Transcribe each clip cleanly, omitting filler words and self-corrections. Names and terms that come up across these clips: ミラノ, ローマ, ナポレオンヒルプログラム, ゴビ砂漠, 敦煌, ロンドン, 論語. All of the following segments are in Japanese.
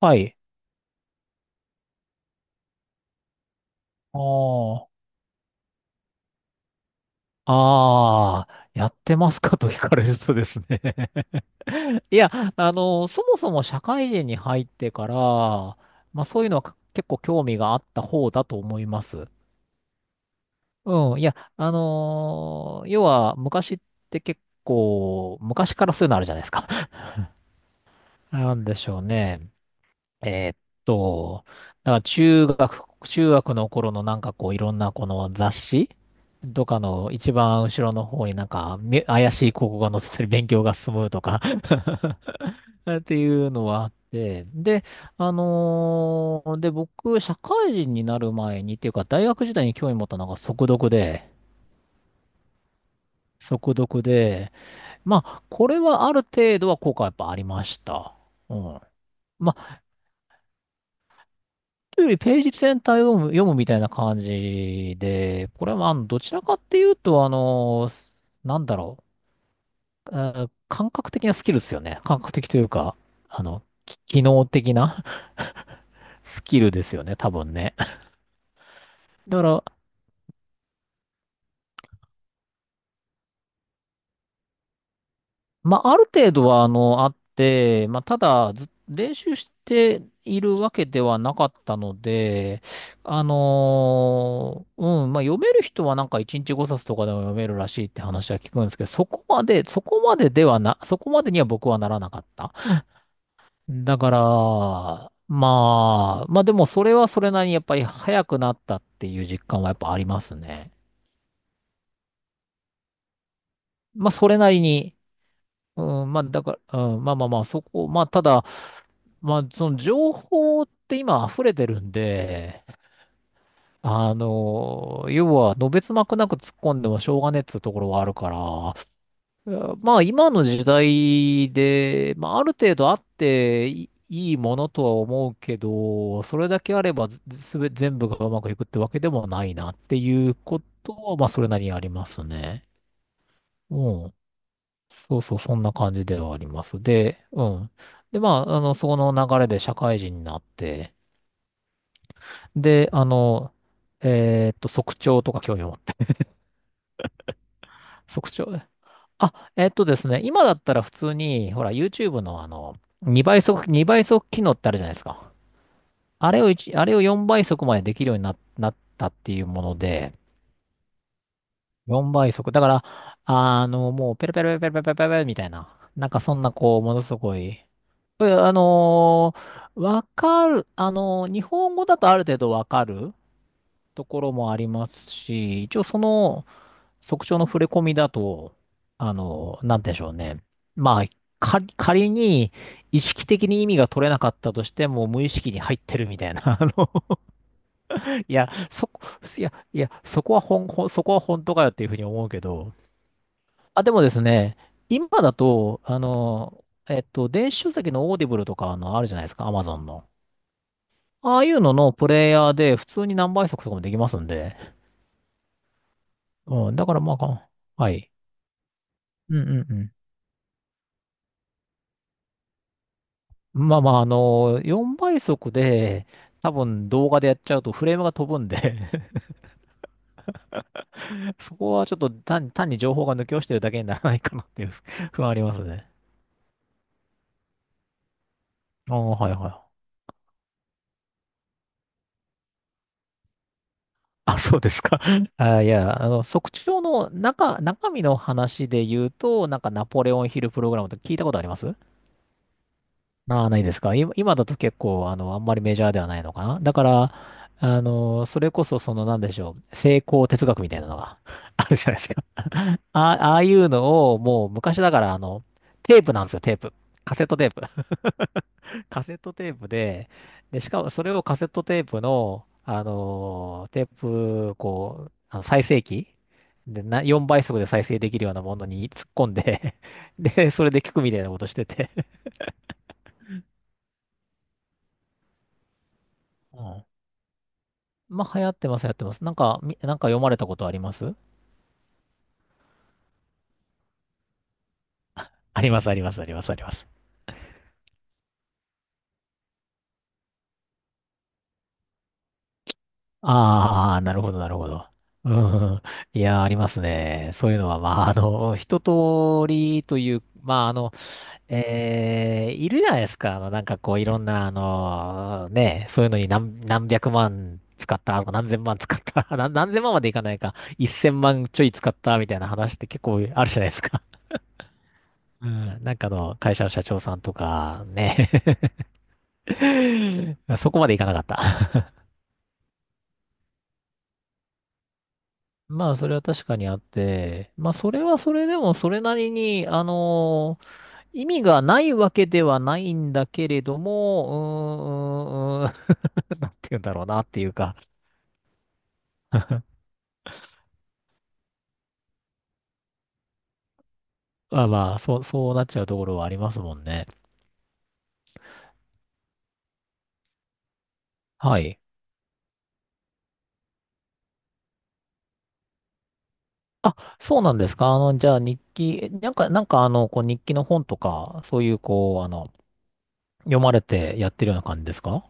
はい。ああ、ああ、やってますかと聞かれるとですね。 いや、そもそも社会人に入ってから、まあそういうのは結構興味があった方だと思います。うん、いや、要は昔って結構、昔からそういうのあるじゃないですか。なんでしょうね。えーっと、だから中学の頃のなんかこういろんなこの雑誌とかの一番後ろの方になんかめ怪しい広告が載ってたり勉強が進むとか っていうのはあって、で、僕、社会人になる前にっていうか大学時代に興味持ったのが速読で、速読で、まあ、これはある程度は効果はやっぱありました。うん。まあというよりページ全体を読むみたいな感じで、これはまあ、どちらかっていうと、なんだろ感覚的なスキルですよね。感覚的というか、機能的な スキルですよね、多分ね。だから、まあ、ある程度は、あって、まあ、ただ、ず練習しているわけではなかったので、うん、まあ、読める人はなんか1日5冊とかでも読めるらしいって話は聞くんですけど、そこまでには僕はならなかった。だから、まあ、まあでもそれはそれなりにやっぱり早くなったっていう実感はやっぱありますね。まあ、それなりに、うん、まあ、だから、うん、まあ、ただ、まあ、その情報って今溢れてるんで、要は、のべつ幕なく突っ込んでもしょうがねえっつうところはあるから、うんまあ、今の時代で、まあ、ある程度あっていいいものとは思うけど、それだけあればず、すべ、全部がうまくいくってわけでもないなっていうことは、まあ、それなりにありますね。うん。そうそう、そんな感じではあります。で、うん。で、まあ、その流れで社会人になって、で、速聴とか興味を持って、速聴、あ、ですね、今だったら普通に、ほら、YouTube の2倍速、2倍速機能ってあるじゃないですか。あれを一あれを4倍速までできるようになったっていうもので、4倍速。だから、もう、ペラペラペラペラペラペラペラみたいな、なんかそんな、こう、ものすごい、えあのーわかる、あのー日本語だとある程度わかるところもありますし、一応その速聴の触れ込みだと、なんて言うんでしょうね。まあ、仮に意識的に意味が取れなかったとしても無意識に入ってるみたいな、あの、いや、そこ、いや、いや、そこは本、ほんそこは本当かよっていうふうに思うけど、あ、でもですね、今だと、電子書籍のオーディブルとかあるじゃないですか、アマゾンの。ああいうののプレイヤーで普通に何倍速とかもできますんで。うん、だからまあか、はい。うんうんうん。まあまあ、4倍速で、多分動画でやっちゃうとフレームが飛ぶんで そこはちょっと単に情報が抜け落ちてるだけにならないかなっていう 不安ありますね。ああ、はいはい。あ、そうですか。あ、いや、測定の中身の話で言うと、なんかナポレオンヒルプログラムとか聞いたことあります？ああ、ないですか。今、今だと結構、あんまりメジャーではないのかな。だから、それこそ、その、なんでしょう、成功哲学みたいなのが あるじゃないですか。ああ、ああいうのを、もう、昔だから、テープなんですよ、テープ。カセットテープ。カセットテープで、で、しかも、それをカセットテープの、テープ、こう、再生機で、4倍速で再生できるようなものに突っ込んで で、それで聞くみたいなことしてて、うんまあ、流行ってます、流行ってます。なんか、なんか読まれたことあります？あります、あります、あります、あります。ああ、なるほど、なるほど。うん。いやー、ありますね。そういうのは、まあ、一通りという、まあ、いるじゃないですか。あの、なんかこう、いろんな、あの、ね、そういうのに何百万使った、何千万使った、何千万までいかないか、一千万ちょい使った、みたいな話って結構あるじゃないですか。うん。なんかあの、会社の社長さんとか、ね。そこまでいかなかった。まあ、それは確かにあって、まあ、それはそれでも、それなりに、意味がないわけではないんだけれども、うーん、うーん、うーん なんて言うんだろうなっていうか、 まあまあ、そう、そうなっちゃうところはありますもんね。はい。あ、そうなんですか。あの、じゃあ日記、なんか、なんかあの、こう日記の本とか、そういう、こう、読まれてやってるような感じですか？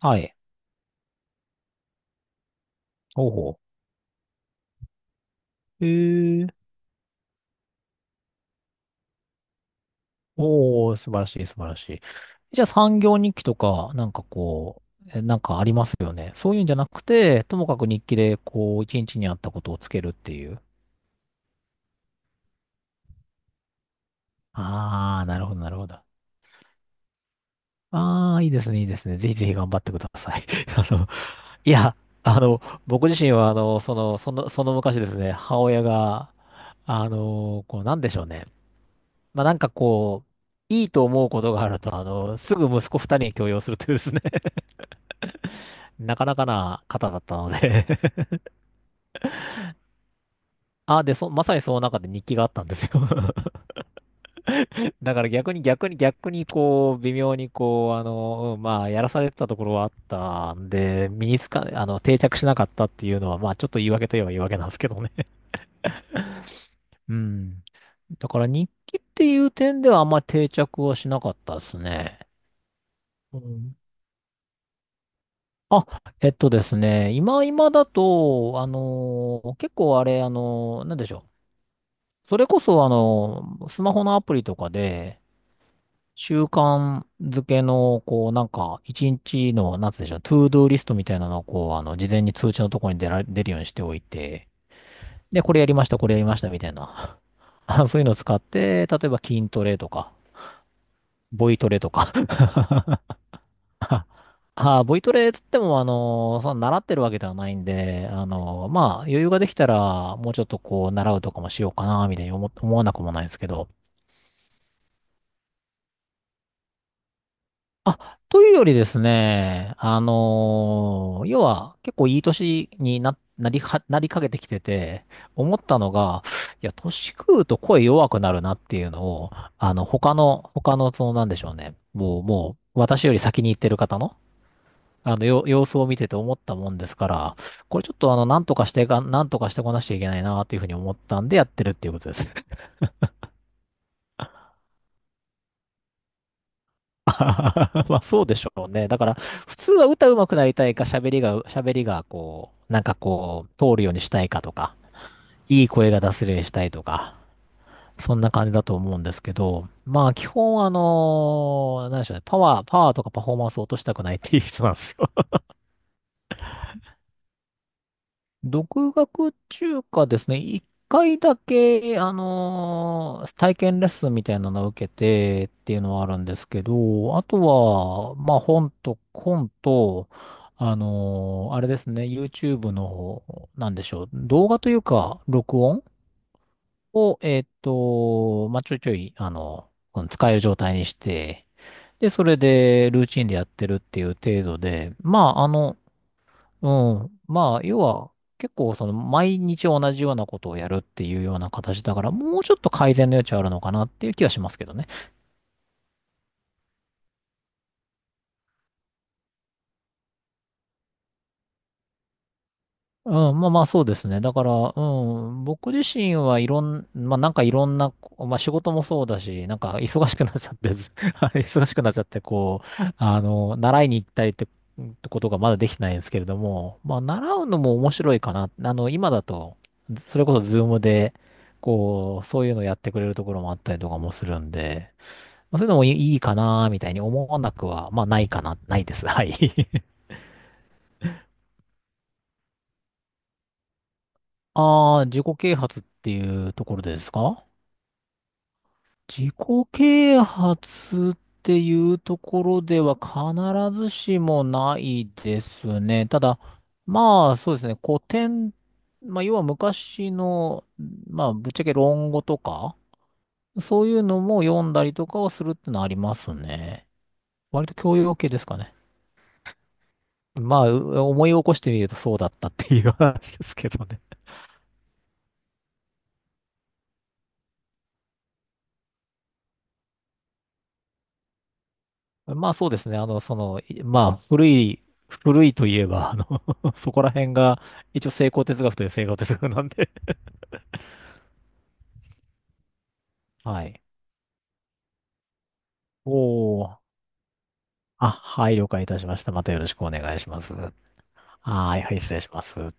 はい。ほうほう。へえ。おー、素晴らしい、素晴らしい。じゃあ産業日記とか、なんかこう、なんかありますよね。そういうんじゃなくて、ともかく日記で、こう、一日にあったことをつけるっていう。ああ、なるほど、なるほど。ああ、いいですね、いいですね。ぜひぜひ頑張ってください。あの、いや、あの、僕自身は、その昔ですね、母親が、こう、なんでしょうね。まあ、なんかこう、いいと思うことがあると、すぐ息子二人に強要するというですね、なかなかな方だったので。 あ、で、そ、まさにその中で日記があったんですよ。 だから逆にこう、微妙にこう、うんまあ、やらされてたところはあったんで、身につか、あの、定着しなかったっていうのは、まあ、ちょっと言い訳といえば言い訳なんですけどね。 うん。だから日記っていう点ではあんまり定着はしなかったですね。うん。あ、えっとですね、今今だと、結構あれ、なんでしょう、それこそ、スマホのアプリとかで、習慣づけの、こう、なんか、一日の、なんつうんでしょう、トゥードゥーリストみたいなのを、こう、事前に通知のところに出るようにしておいて、で、これやりました、これやりました、みたいな。あ、そういうのを使って、例えば筋トレとか、ボイトレとか。あ、ボイトレつっても、その習ってるわけではないんで、まあ、余裕ができたら、もうちょっとこう、習うとかもしようかな、みたいに思わなくもないんですけど、あ、というよりですね、要は結構いい年になりかけてきてて、思ったのが、いや、年食うと声弱くなるなっていうのを、あの、他の、その、なんでしょうね、もう、私より先に行ってる方の、あの、様子を見てて思ったもんですから、これちょっとあの、なんとかしてこなきゃいけないなっていうふうに思ったんでやってるっていうことです。まあそうでしょうね。だから普通は歌うまくなりたいか喋りがこう、なんかこう通るようにしたいかとか、いい声が出せるようにしたいとか、そんな感じだと思うんですけど、まあ基本あの、何でしょうね、パワーとかパフォーマンスを落としたくないっていう人なんですよ。独学中華ですね。一回だけ、体験レッスンみたいなのを受けてっていうのはあるんですけど、あとは、まあ本と、あれですね、YouTube の、なんでしょう、動画というか、録音を、まあちょいちょい、あの、うん使える状態にして、で、それでルーチンでやってるっていう程度で、まああの、うん。まあ、要は、結構その毎日同じようなことをやるっていうような形だから、もうちょっと改善の余地あるのかなっていう気はしますけどね。うん、まあまあそうですね。だから、うん、僕自身はいろん、まあなんかいろんな、まあ仕事もそうだし、なんか忙しくなっちゃって、ず あれ忙しくなっちゃって、こう、あの、習いに行ったりって、ってことがまだできてないんですけれども、まあ習うのも面白いかな。あの、今だと、それこそズームで、こう、そういうのやってくれるところもあったりとかもするんで、まあ、そういうのもいいかな、みたいに思わなくは、ないです。はい。ああ、自己啓発っていうところですか。自己啓発っていうところでは必ずしもないですね。ただ、まあそうですね、古典、まあ要は昔の、まあぶっちゃけ論語とか、そういうのも読んだりとかをするってのはありますね。割と教養系ですかね。まあ、思い起こしてみるとそうだったっていう話ですけどね。まあそうですね。あの、その、まあ古い、古いといえば、あの そこら辺が一応成功哲学という成功哲学なんで、 はい。おー。あ、はい、了解いたしました。またよろしくお願いします。はい、はい、失礼します。